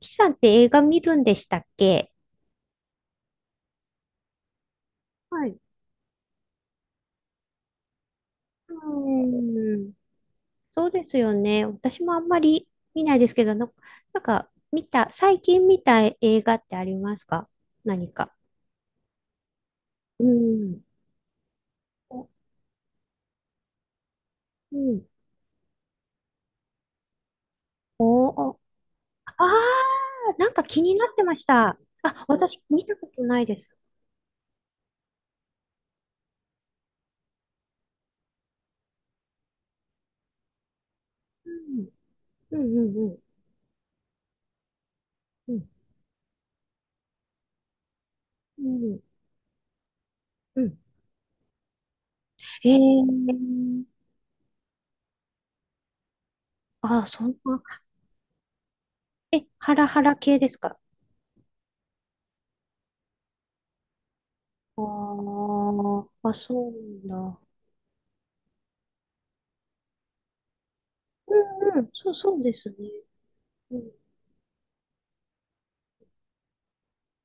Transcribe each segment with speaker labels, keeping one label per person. Speaker 1: キさんって映画見るんでしたっけ？はい。うん、そうですよね。私もあんまり見ないですけど、なんか最近見た映画ってありますか、何か。うん。お、うん。おお、ああー、なんか気になってました。あ、私見たことないです。うん。うんうんうん。うん、うんうん。えー、あ、そんな、え、ハラハラ系ですか？ああー、あ、そうなんだ。うんうん、そう、そうですね。うん、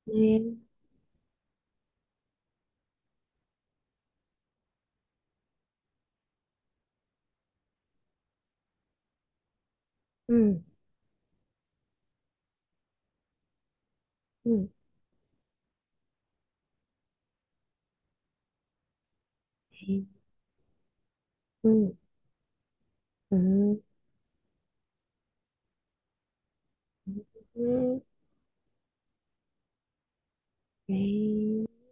Speaker 1: ね、うん、うん、へえ。うん、うん、うん、ええ。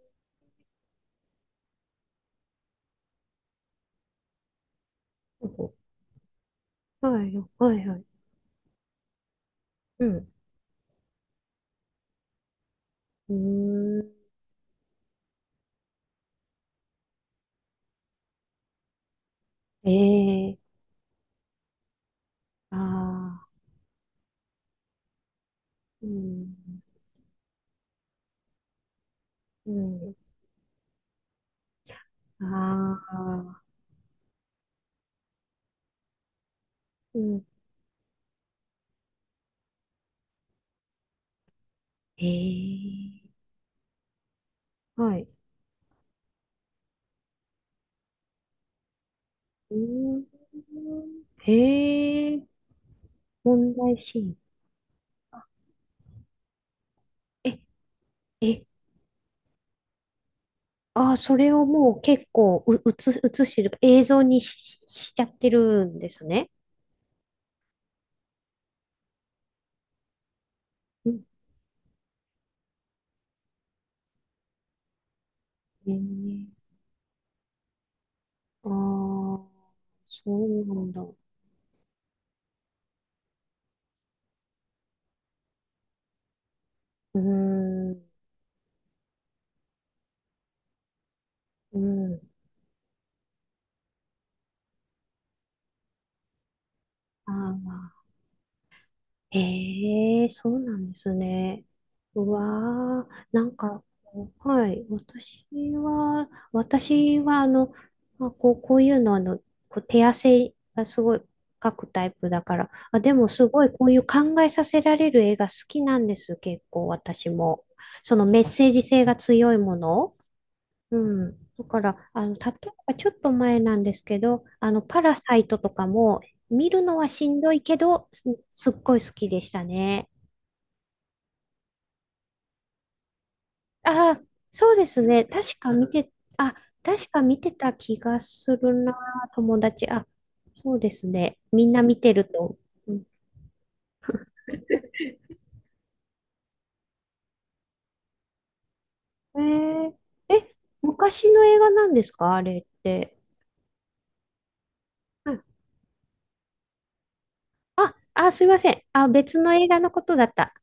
Speaker 1: はい、はい、はい、うん、うーん、ええ。ああー、うん、うん、ああ、うん、ええ。はい、うーん、へえ。問題シーン。え、え、ああ、それをもう結構う、うつ、映してる、映像にし、しちゃってるんですね。うん。えー、ああ、そうなんだ。うーん、うん。ああ。ええ、そうなんですね。うわー、なんか、はい、私は、まあ、こう、こういうの、こう手汗がすごい描くタイプだから、あ、でもすごい、こういう考えさせられる絵が好きなんです、結構、私も。そのメッセージ性が強いもの。うん。だから、例えばちょっと前なんですけど、パラサイトとかも、見るのはしんどいけど、すっごい好きでしたね。ああ、そうですね。あ、確か見てた気がするな、友達。あ、そうですね。みんな見てると。うん、えーえ、昔の映画なんですかあれって？あ、あ、すいません。あ、別の映画のことだった。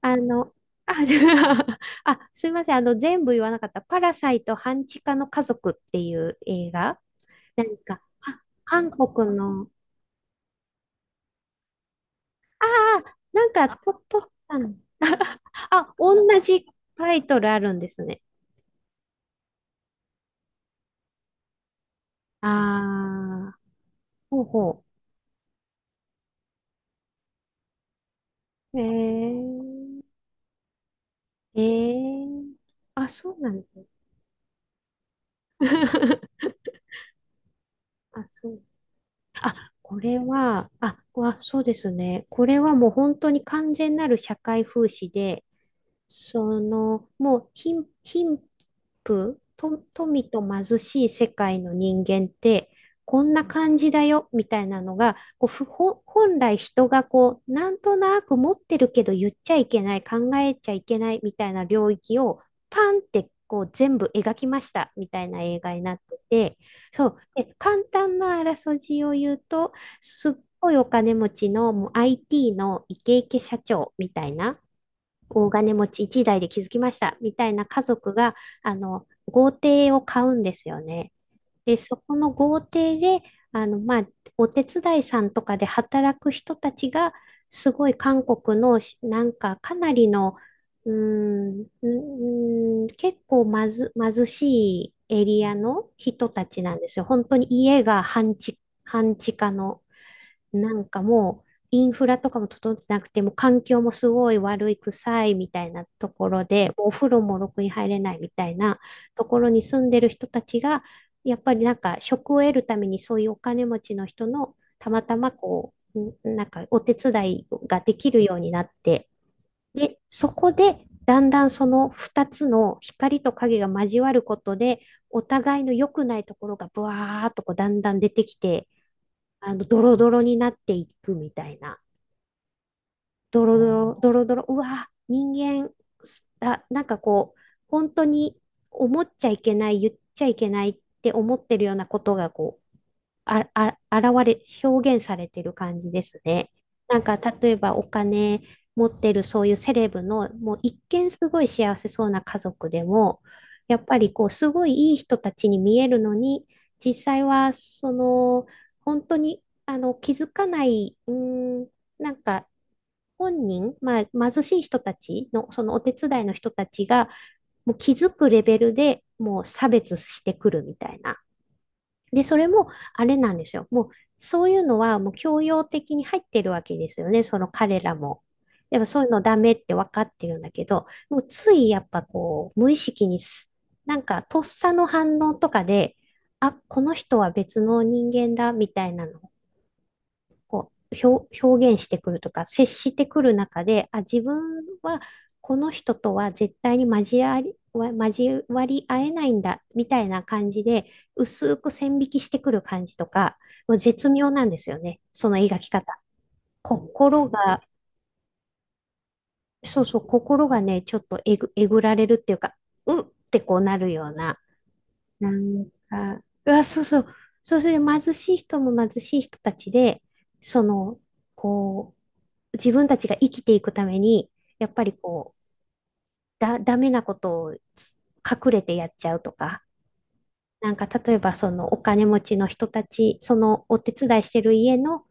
Speaker 1: あの、じゃあ、あ、すいません。全部言わなかった。パラサイト半地下の家族っていう映画。なんか、あ韓国の、あなんか、と、撮ったの。あ、同じタイトルあるんですね。ああ、ほうほう。えー、えー、あ、そうなんだ。あ、そう。あ、これは、あ、うわ、そうですね。これはもう本当に完全なる社会風刺で、その、もう貧、貧富、富と貧しい世界の人間って、こんな感じだよ、みたいなのが、こう、本来人がこう、なんとなく持ってるけど言っちゃいけない、考えちゃいけない、みたいな領域を、パンって、こう、全部描きました、みたいな映画になってて、そう。で、簡単なあらすじを言うと、すっごいお金持ちのもう IT のイケイケ社長みたいな、大金持ち1代で築きましたみたいな家族があの豪邸を買うんですよね。で、そこの豪邸でまあ、お手伝いさんとかで働く人たちがすごい韓国のなんかかなりのうーん、うーん、結構まず、貧しいエリアの人たちなんですよ。本当に家が半地下のなんかもう、インフラとかも整ってなくて、もう環境もすごい悪い、臭いみたいなところで、もうお風呂もろくに入れないみたいなところに住んでる人たちが、やっぱりなんか職を得るためにそういうお金持ちの人のたまたまこう、んなんかお手伝いができるようになって、で、そこでだんだんその2つの光と影が交わることで、お互いの良くないところがブワーっとこうだんだん出てきて、ドロドロになっていくみたいな。ドロドロ、ドロドロ、うわ、人間、あ、なんかこう、本当に思っちゃいけない、言っちゃいけないって思ってるようなことが、こあ、あ、現れ、表現されてる感じですね。なんか、例えばお金持ってるそういうセレブの、もう一見すごい幸せそうな家族でも、やっぱりこう、すごいいい人たちに見えるのに、実際は、その、本当に、気づかない、うーん、なんか、本人、まあ、貧しい人たちの、そのお手伝いの人たちが、もう気づくレベルでもう差別してくるみたいな。で、それも、あれなんですよ。もう、そういうのは、もう教養的に入ってるわけですよね、その彼らも。でも、そういうのダメって分かってるんだけど、もう、ついやっぱこう、無意識にす、なんか、とっさの反応とかで、あ、この人は別の人間だ、みたいなのこう、表現してくるとか、接してくる中で、あ、自分はこの人とは絶対に交わり、交わり合えないんだ、みたいな感じで、薄く線引きしてくる感じとか、もう絶妙なんですよね。その描き方。心が、そうそう、心がね、ちょっとえぐられるっていうか、うんってこうなるような、なんか、うわ、そうそう、そうすると貧しい人も貧しい人たちで、その、こう、自分たちが生きていくために、やっぱりこう、ダメなことを隠れてやっちゃうとか、なんか例えばそのお金持ちの人たち、そのお手伝いしてる家の、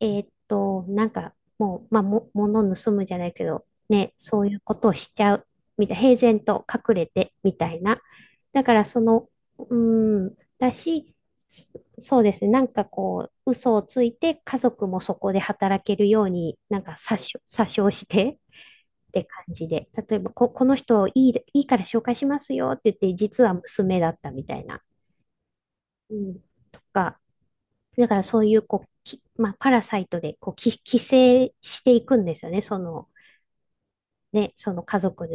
Speaker 1: えーっと、なんかもう、まあ、物盗むじゃないけど、ね、そういうことをしちゃう、みたいな、平然と隠れて、みたいな。だからその、うーん、だし、そそうですね。なんかこう、嘘をついて家族もそこで働けるように、なんか詐称して、って感じで、例えばこの人いい、いいから紹介しますよって言って、実は娘だったみたいな。うん、とか、だからそういうこう、まあ、パラサイトでこう寄生していくんですよね、その、ね、その家族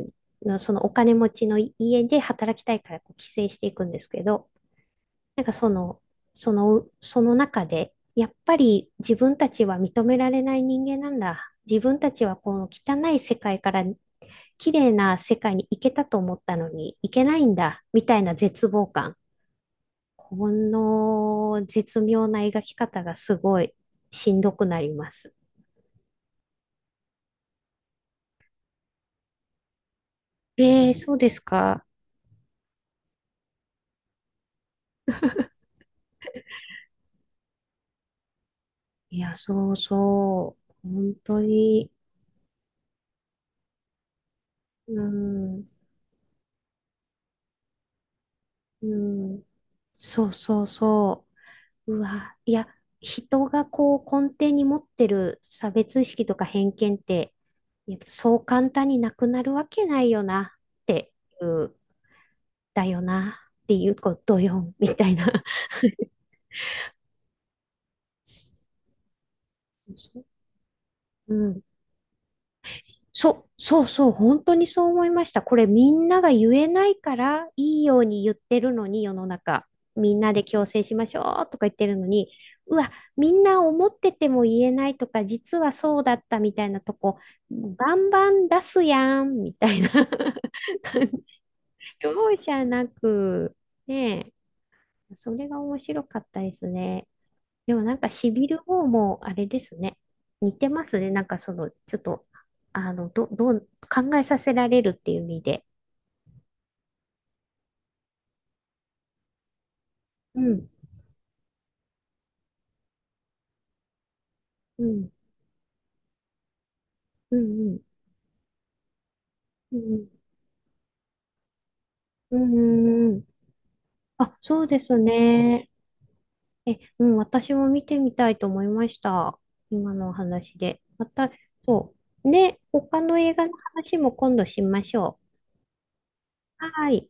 Speaker 1: の、そのお金持ちの家で働きたいからこう寄生していくんですけど、なんかその、その中で、やっぱり自分たちは認められない人間なんだ。自分たちはこの汚い世界から綺麗な世界に行けたと思ったのに行けないんだ、みたいな絶望感。この絶妙な描き方がすごいしんどくなります。えー、そうですか。いや、そうそう。本当に。うん、うん。そうそうそう。うわ、いや、人がこう根底に持ってる差別意識とか偏見って、やっぱそう簡単になくなるわけないよなっていうだよなっていうことよ、みたいな。うん。そう、そうそう、本当にそう思いました。これみんなが言えないからいいように言ってるのに世の中、みんなで強制しましょうとか言ってるのに、うわ、みんな思ってても言えないとか、実はそうだったみたいなとこ、バンバン出すやんみたいな 感じ。容赦なく、ねえ、それが面白かったですね。でもなんかしびる方もあれですね。似てますね。なんかその、ちょっと、どう、考えさせられるっていう意味で。うん、うん、うん、うん、うん、うんうん。あ、そうですね。え、うん、私も見てみたいと思いました。今のお話で。また、そう。ね、他の映画の話も今度しましょう。はい。